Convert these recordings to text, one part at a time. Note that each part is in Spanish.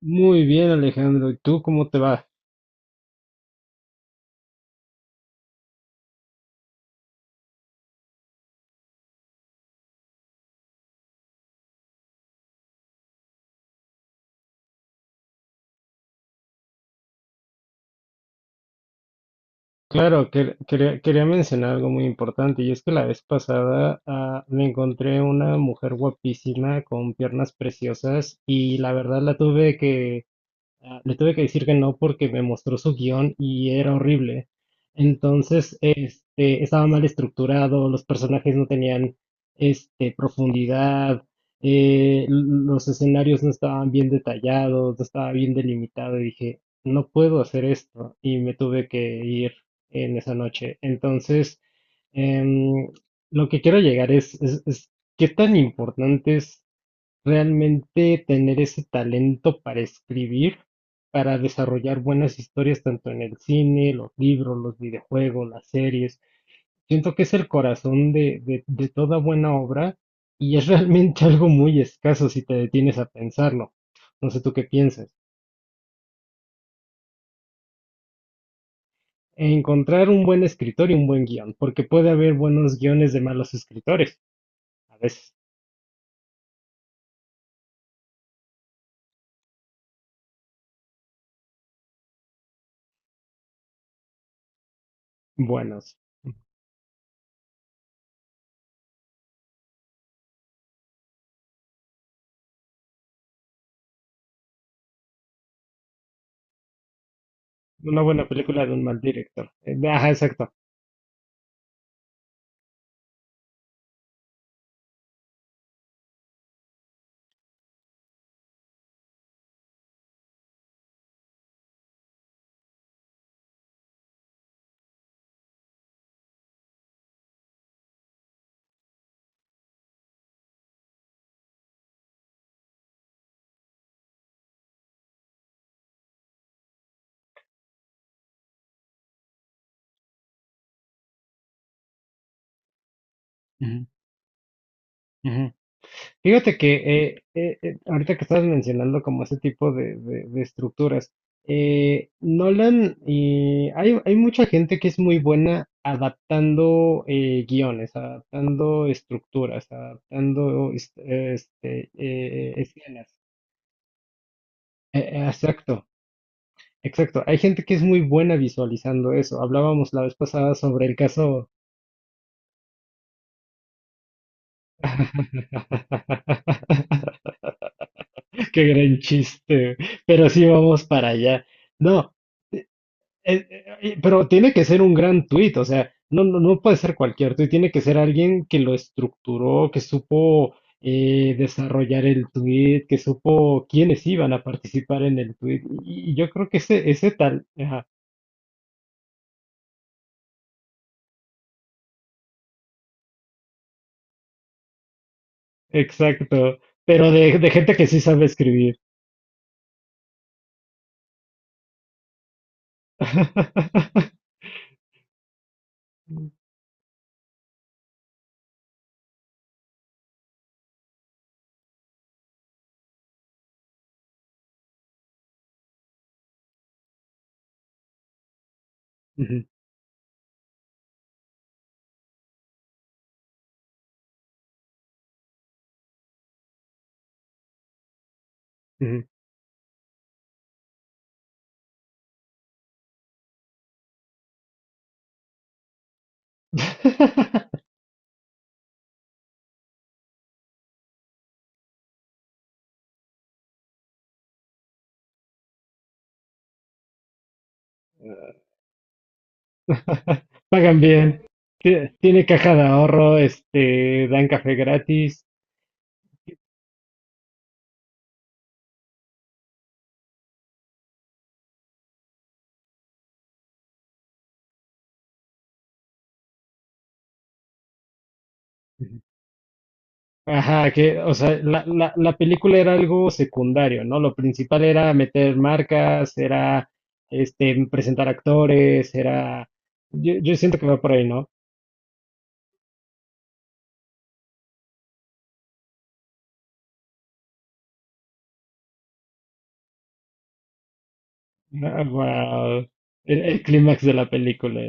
Muy bien, Alejandro. ¿Y tú cómo te va? Claro, quería mencionar algo muy importante, y es que la vez pasada me encontré una mujer guapísima con piernas preciosas y la verdad la tuve que... Ah, le tuve que decir que no porque me mostró su guión y era horrible. Entonces, este, estaba mal estructurado, los personajes no tenían, este, profundidad, los escenarios no estaban bien detallados, no estaba bien delimitado y dije, no puedo hacer esto y me tuve que ir en esa noche. Entonces, em, lo que quiero llegar es, ¿qué tan importantes realmente tener ese talento para escribir, para desarrollar buenas historias tanto en el cine, los libros, los videojuegos, las series? Siento que es el corazón de toda buena obra y es realmente algo muy escaso si te detienes a pensarlo. No sé tú qué piensas. Encontrar un buen escritor y un buen guión, porque puede haber buenos guiones de malos escritores, a veces buenos. Una buena película de un mal director. Ajá, exacto. Ujú, ujú. Fíjate que ahorita que estabas mencionando como ese tipo de estructuras, Nolan, y hay mucha gente que es muy buena adaptando guiones, adaptando estructuras, adaptando escenas. Exacto, exacto. Hay gente que es muy buena visualizando eso. Hablábamos la vez pasada sobre el caso. Qué gran chiste, pero sí vamos para allá. No, pero tiene que ser un gran tuit, o sea, no puede ser cualquier tuit, tiene que ser alguien que lo estructuró, que supo desarrollar el tuit, que supo quiénes iban a participar en el tuit. Y yo creo que ese tal, ajá, exacto, pero de gente que sí sabe escribir. Ujú, ujú. Pagan bien, tiene caja de ahorro, este, dan café gratis. Ajá, que, o sea, la película era algo secundario, ¿no? Lo principal era meter marcas, era, este, presentar actores, era, yo siento que va por ahí, ¿no? Ah, wow. El clímax de la película,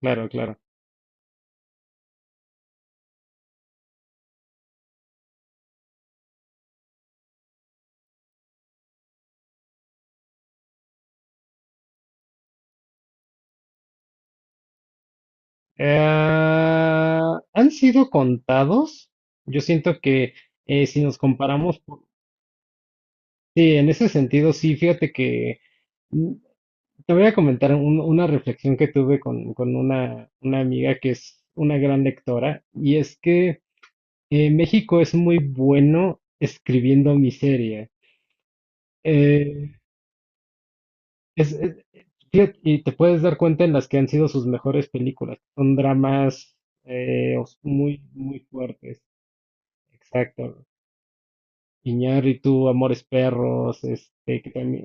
claro, claro. Eh, han sido contados. Yo siento que si nos comparamos, sí, en ese sentido, sí. Fíjate que mm, te voy a comentar un- una reflexión que tuve con una amiga que es una gran lectora, y es que México es muy bueno escribiendo miseria. Eh, es, es- fíjate, y te puedes dar cuenta en las que han sido sus mejores películas. Son dramas muy, muy fuertes. Exacto. Iñárritu, Amores Perros, este, que también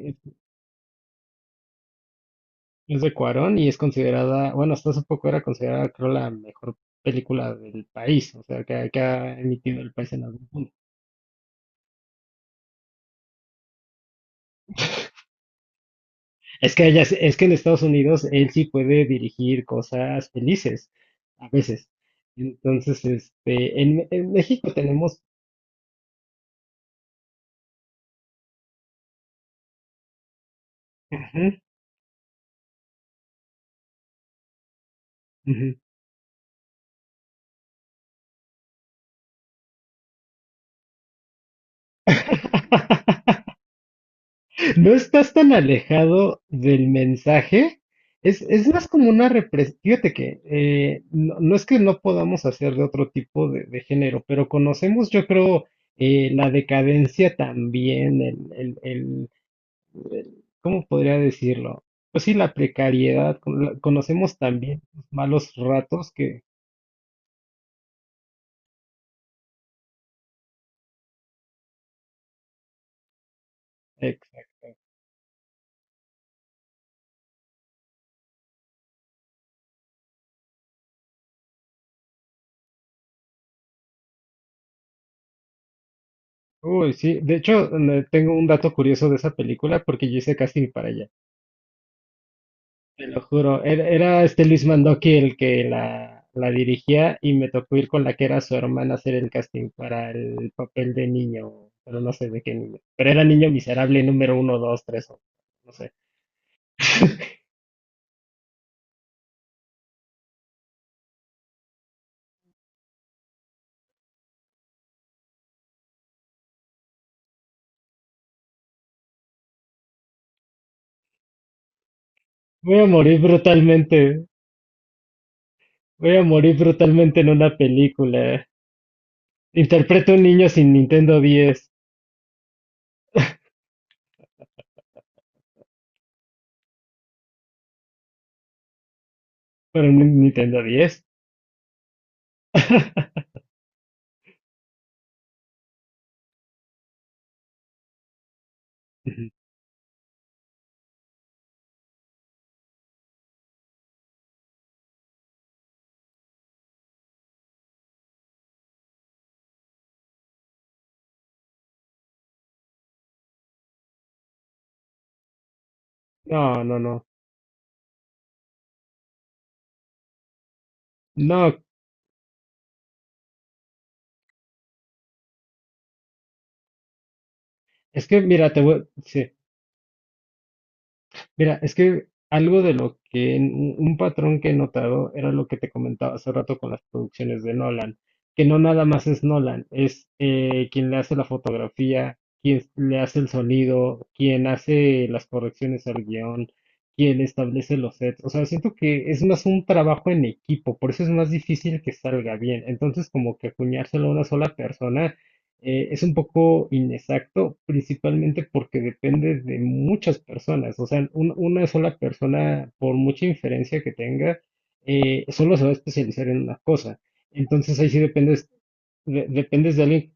es de Cuarón y es considerada, bueno, hasta hace poco era considerada, creo, la mejor película del país, o sea, que, que ha emitido el país en algún punto. Es que ella, es que en Estados Unidos él sí puede dirigir cosas felices, a veces. Entonces, este, en México tenemos... Ujú, ujú. No estás tan alejado del mensaje. Es más como una represión. Fíjate que no, no es que no podamos hacer de otro tipo de género, pero conocemos, yo creo, la decadencia también, ¿cómo podría decirlo? Pues sí, la precariedad. Conocemos también los malos ratos que... Exacto. Uy, sí. De hecho, tengo un dato curioso de esa película porque yo hice casting para ella. Te lo juro, era este Luis Mandoki el que la dirigía y me tocó ir con la que era su hermana a hacer el casting para el papel de niño, pero no sé de qué niño. Pero era niño miserable número uno, dos, tres, o no sé. Voy a morir brutalmente, voy a morir brutalmente en una película. Interpreto a un niño sin Nintendo 10, pero un Nintendo 10. No, no, no. No, es que mira, te voy, sí. Mira, es que algo de lo que, un patrón que he notado era lo que te comentaba hace rato con las producciones de Nolan, que no nada más es Nolan, es quien le hace la fotografía, quien le hace el sonido, quien hace las correcciones al guión, quien establece los sets. O sea, siento que es más un trabajo en equipo, por eso es más difícil que salga bien. Entonces, como que acuñárselo a una sola persona es un poco inexacto, principalmente porque depende de muchas personas. O sea, una sola persona, por mucha inferencia que tenga, solo se va a especializar en una cosa. Entonces ahí sí dependes, dependes de alguien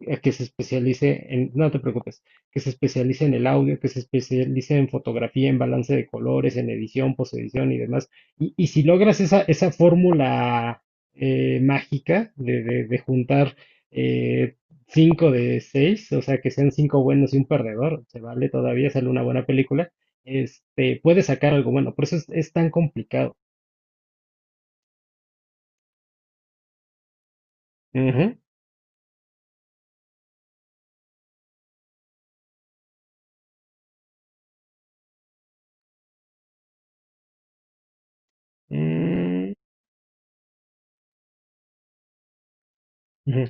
que se especialice en, no te preocupes, que se especialice en el audio, que se especialice en fotografía, en balance de colores, en edición, posedición y demás. Y si logras esa fórmula mágica de juntar eh, cinco de seis, o sea, que sean cinco buenos y un perdedor, se vale todavía, sale una buena película, este, puedes sacar algo bueno, por eso es tan complicado. Ujú. Mm, ujú.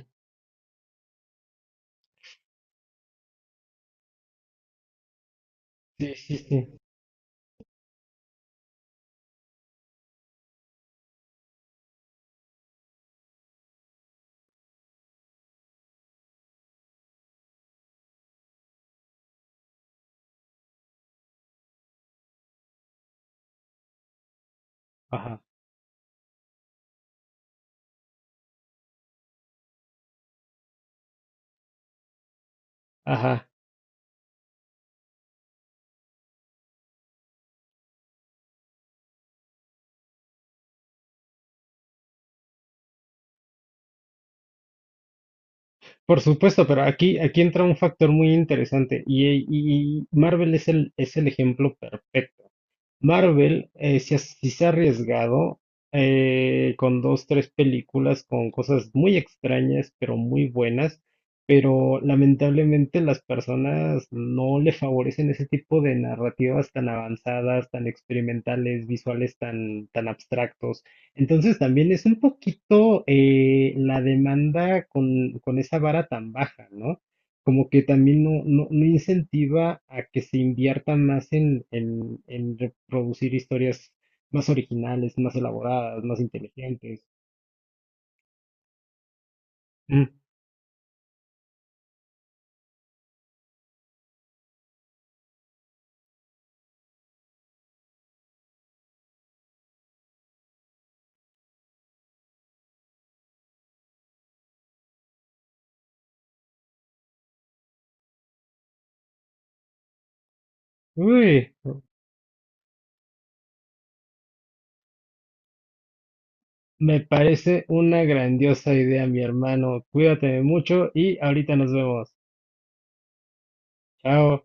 Sí, sí, sí. Ajá, ajá. Por supuesto, pero aquí, aquí entra un factor muy interesante, y Marvel es el ejemplo perfecto. Marvel, sí, sí se ha arriesgado con dos, tres películas con cosas muy extrañas, pero muy buenas. Pero lamentablemente las personas no le favorecen ese tipo de narrativas tan avanzadas, tan experimentales, visuales tan, tan abstractos. Entonces también es un poquito la demanda con esa vara tan baja, ¿no? Como que también no incentiva a que se invierta más en reproducir historias más originales, más elaboradas, más inteligentes. Mm. Uy, me parece una grandiosa idea, mi hermano. Cuídate mucho y ahorita nos vemos. Chao.